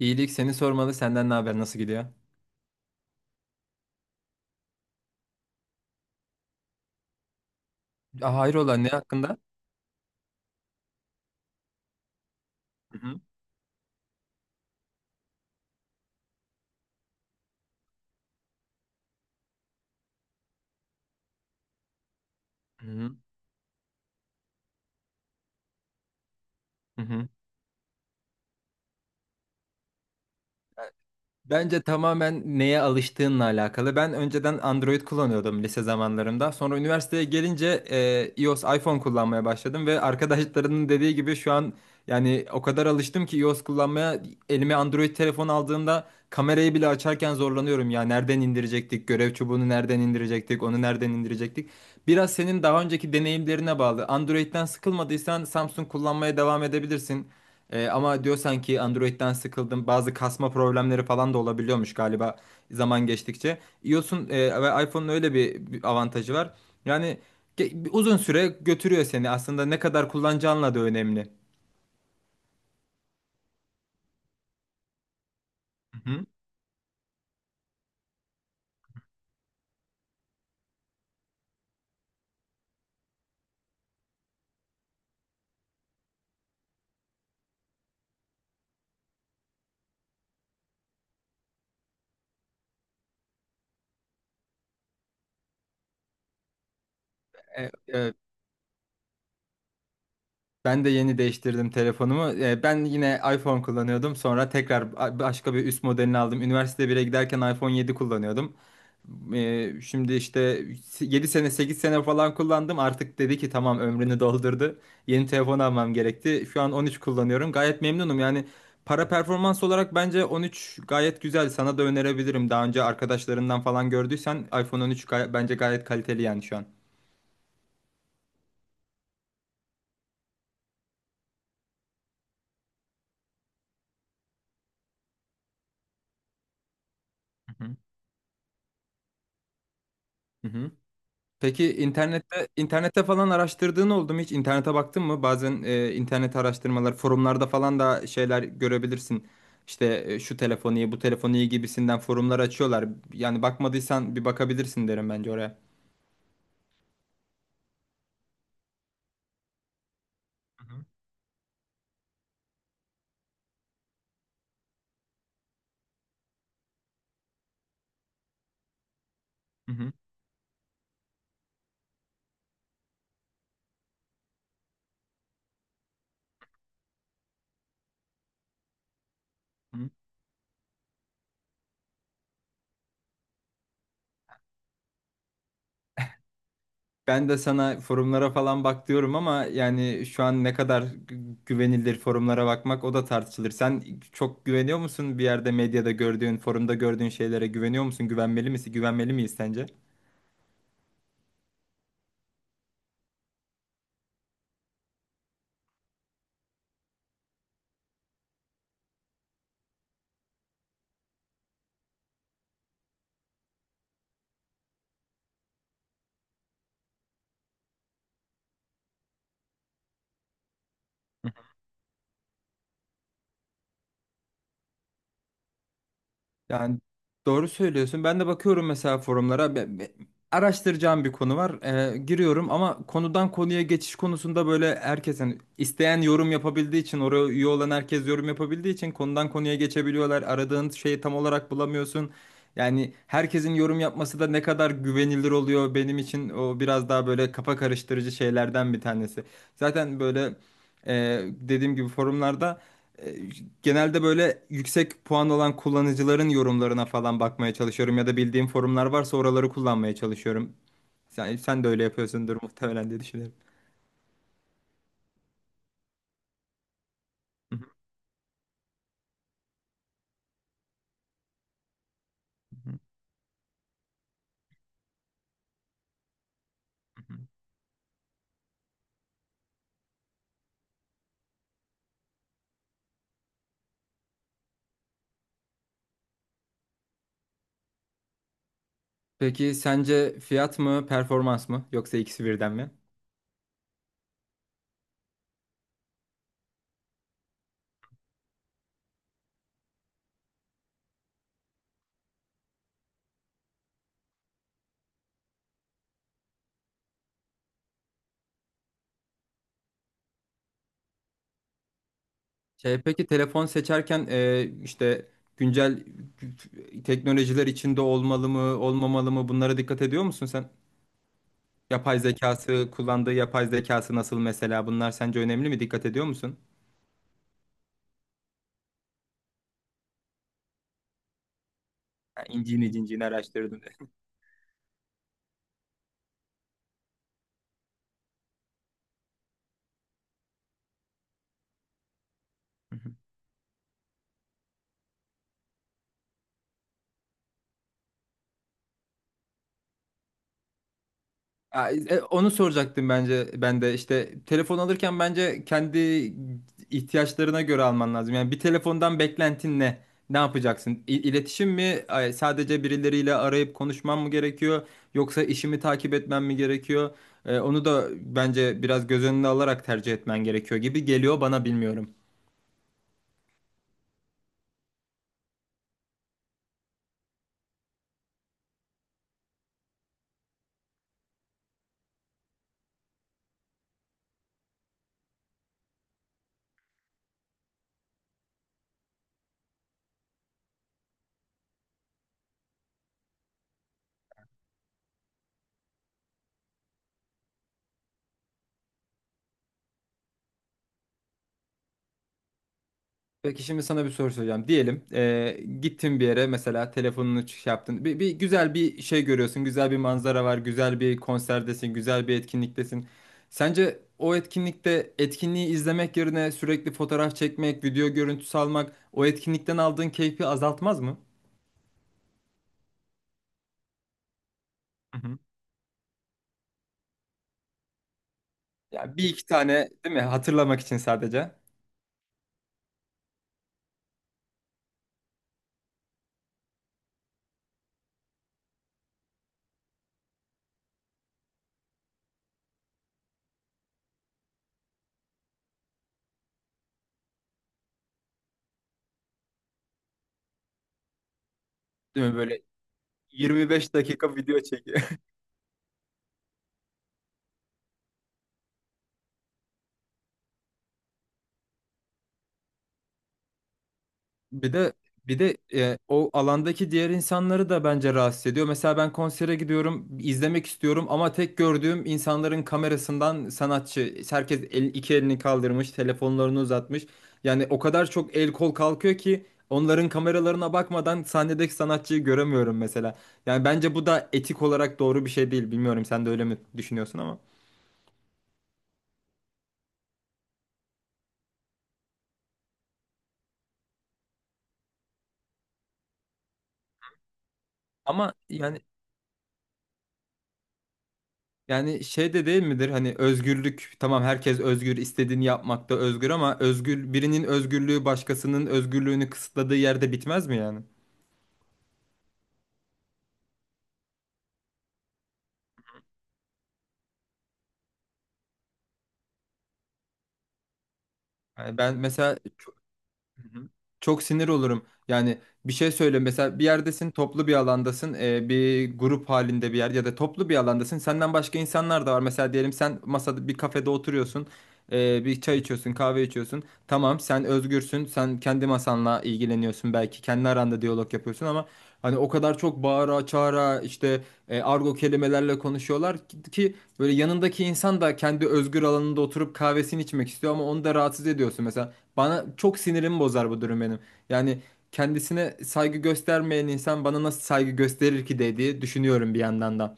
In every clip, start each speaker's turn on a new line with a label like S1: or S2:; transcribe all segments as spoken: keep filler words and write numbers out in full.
S1: İyilik seni sormalı. Senden ne haber? Nasıl gidiyor? Aa, hayrola ne hakkında? Hı hı. Hı hı. Hı hı. Bence tamamen neye alıştığınla alakalı. Ben önceden Android kullanıyordum lise zamanlarımda. Sonra üniversiteye gelince e, iOS, iPhone kullanmaya başladım ve arkadaşlarının dediği gibi şu an yani o kadar alıştım ki iOS kullanmaya elime Android telefon aldığımda kamerayı bile açarken zorlanıyorum ya. Nereden indirecektik? Görev çubuğunu nereden indirecektik? Onu nereden indirecektik? Biraz senin daha önceki deneyimlerine bağlı. Android'den sıkılmadıysan Samsung kullanmaya devam edebilirsin. Ee, ama diyorsan ki Android'den sıkıldım. Bazı kasma problemleri falan da olabiliyormuş galiba zaman geçtikçe. iOS'un e, ve iPhone'un öyle bir, bir avantajı var. Yani ge- bir uzun süre götürüyor seni. Aslında ne kadar kullanacağınla da önemli. Hı hı. E, e, ben de yeni değiştirdim telefonumu. E, ben yine iPhone kullanıyordum. Sonra tekrar ba- başka bir üst modelini aldım. Üniversite bire giderken iPhone yedi kullanıyordum. Ee, şimdi işte yedi sene sekiz sene falan kullandım. Artık dedi ki tamam ömrünü doldurdu. Yeni telefon almam gerekti. Şu an on üç kullanıyorum. Gayet memnunum. Yani para performans olarak bence on üç gayet güzel. Sana da önerebilirim. Daha önce arkadaşlarından falan gördüysen iPhone on üç gay- bence gayet kaliteli yani şu an. Hı hı. Hı hı. Peki internette internette falan araştırdığın oldu mu hiç? İnternete baktın mı? Bazen e, internet araştırmaları, forumlarda falan da şeyler görebilirsin. İşte e, şu telefon iyi, bu telefon iyi gibisinden forumlar açıyorlar. Yani bakmadıysan bir bakabilirsin derim bence oraya. Hı hı. Hı hı, hı. Ben de sana forumlara falan bak diyorum ama yani şu an ne kadar gü- güvenilir forumlara bakmak o da tartışılır. Sen çok güveniyor musun bir yerde medyada gördüğün, forumda gördüğün şeylere güveniyor musun? Güvenmeli misin? Güvenmeli miyiz sence? Yani doğru söylüyorsun. Ben de bakıyorum mesela forumlara. Be- be- Araştıracağım bir konu var. Ee, giriyorum ama konudan konuya geçiş konusunda böyle herkes hani isteyen yorum yapabildiği için oraya üye olan herkes yorum yapabildiği için konudan konuya geçebiliyorlar. Aradığın şeyi tam olarak bulamıyorsun. Yani herkesin yorum yapması da ne kadar güvenilir oluyor benim için o biraz daha böyle kafa karıştırıcı şeylerden bir tanesi. Zaten böyle e, dediğim gibi forumlarda E, genelde böyle yüksek puan olan kullanıcıların yorumlarına falan bakmaya çalışıyorum ya da bildiğim forumlar varsa oraları kullanmaya çalışıyorum. Sen, sen de öyle yapıyorsundur muhtemelen diye düşünüyorum. Hı hı hı hı. Peki sence fiyat mı, performans mı yoksa ikisi birden mi? Şey, peki telefon seçerken e, işte güncel teknolojiler içinde olmalı mı, olmamalı mı bunlara dikkat ediyor musun sen? Yapay zekası, kullandığı yapay zekası nasıl mesela bunlar sence önemli mi? Dikkat ediyor musun? Yani İnciğini cinciğini araştırdım. Hı hı. Ya, e, onu soracaktım bence ben de işte telefon alırken bence kendi ihtiyaçlarına göre alman lazım. Yani bir telefondan beklentin ne? Ne yapacaksın? İ- İletişim mi? Ay, sadece birileriyle arayıp konuşmam mı gerekiyor? Yoksa işimi takip etmem mi gerekiyor? E, onu da bence biraz göz önüne alarak tercih etmen gerekiyor gibi geliyor bana bilmiyorum. Peki şimdi sana bir soru soracağım. Diyelim eee gittin bir yere mesela telefonunu şey yaptın. Bir, bir güzel bir şey görüyorsun. Güzel bir manzara var. Güzel bir konserdesin. Güzel bir etkinliktesin. Sence o etkinlikte etkinliği izlemek yerine sürekli fotoğraf çekmek, video görüntüsü almak o etkinlikten aldığın keyfi azaltmaz mı? Hı hı. Ya bir iki tane değil mi? Hatırlamak için sadece. Değil mi, böyle yirmi beş dakika video çek. Bir de bir de e, o alandaki diğer insanları da bence rahatsız ediyor. Mesela ben konsere gidiyorum, izlemek istiyorum ama tek gördüğüm insanların kamerasından sanatçı. Herkes el, iki elini kaldırmış, telefonlarını uzatmış. Yani o kadar çok el kol kalkıyor ki onların kameralarına bakmadan sahnedeki sanatçıyı göremiyorum mesela. Yani bence bu da etik olarak doğru bir şey değil. Bilmiyorum sen de öyle mi düşünüyorsun ama. Ama yani yani şey de değil midir, hani özgürlük tamam, herkes özgür, istediğini yapmakta özgür ama özgür birinin özgürlüğü başkasının özgürlüğünü kısıtladığı yerde bitmez mi yani? Yani ben mesela çok, hı hı, çok sinir olurum yani bir şey söyle mesela bir yerdesin toplu bir alandasın, e, bir grup halinde bir yer ya da toplu bir alandasın, senden başka insanlar da var, mesela diyelim sen masada bir kafede oturuyorsun, e, bir çay içiyorsun kahve içiyorsun. Tamam sen özgürsün. Sen kendi masanla ilgileniyorsun belki. Kendi aranda diyalog yapıyorsun ama hani o kadar çok bağıra çağıra işte e, argo kelimelerle konuşuyorlar ki, ki böyle yanındaki insan da kendi özgür alanında oturup kahvesini içmek istiyor ama onu da rahatsız ediyorsun. Mesela bana çok sinirimi bozar bu durum benim. Yani kendisine saygı göstermeyen insan bana nasıl saygı gösterir ki dediği düşünüyorum bir yandan da.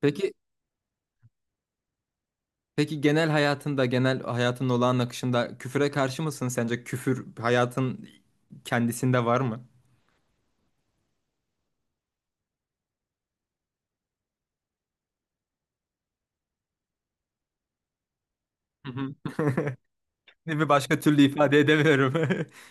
S1: Peki Peki genel hayatında, genel hayatın olağan akışında küfüre karşı mısın sence? Küfür hayatın kendisinde var mı? Hı hı. Bir başka türlü ifade edemiyorum.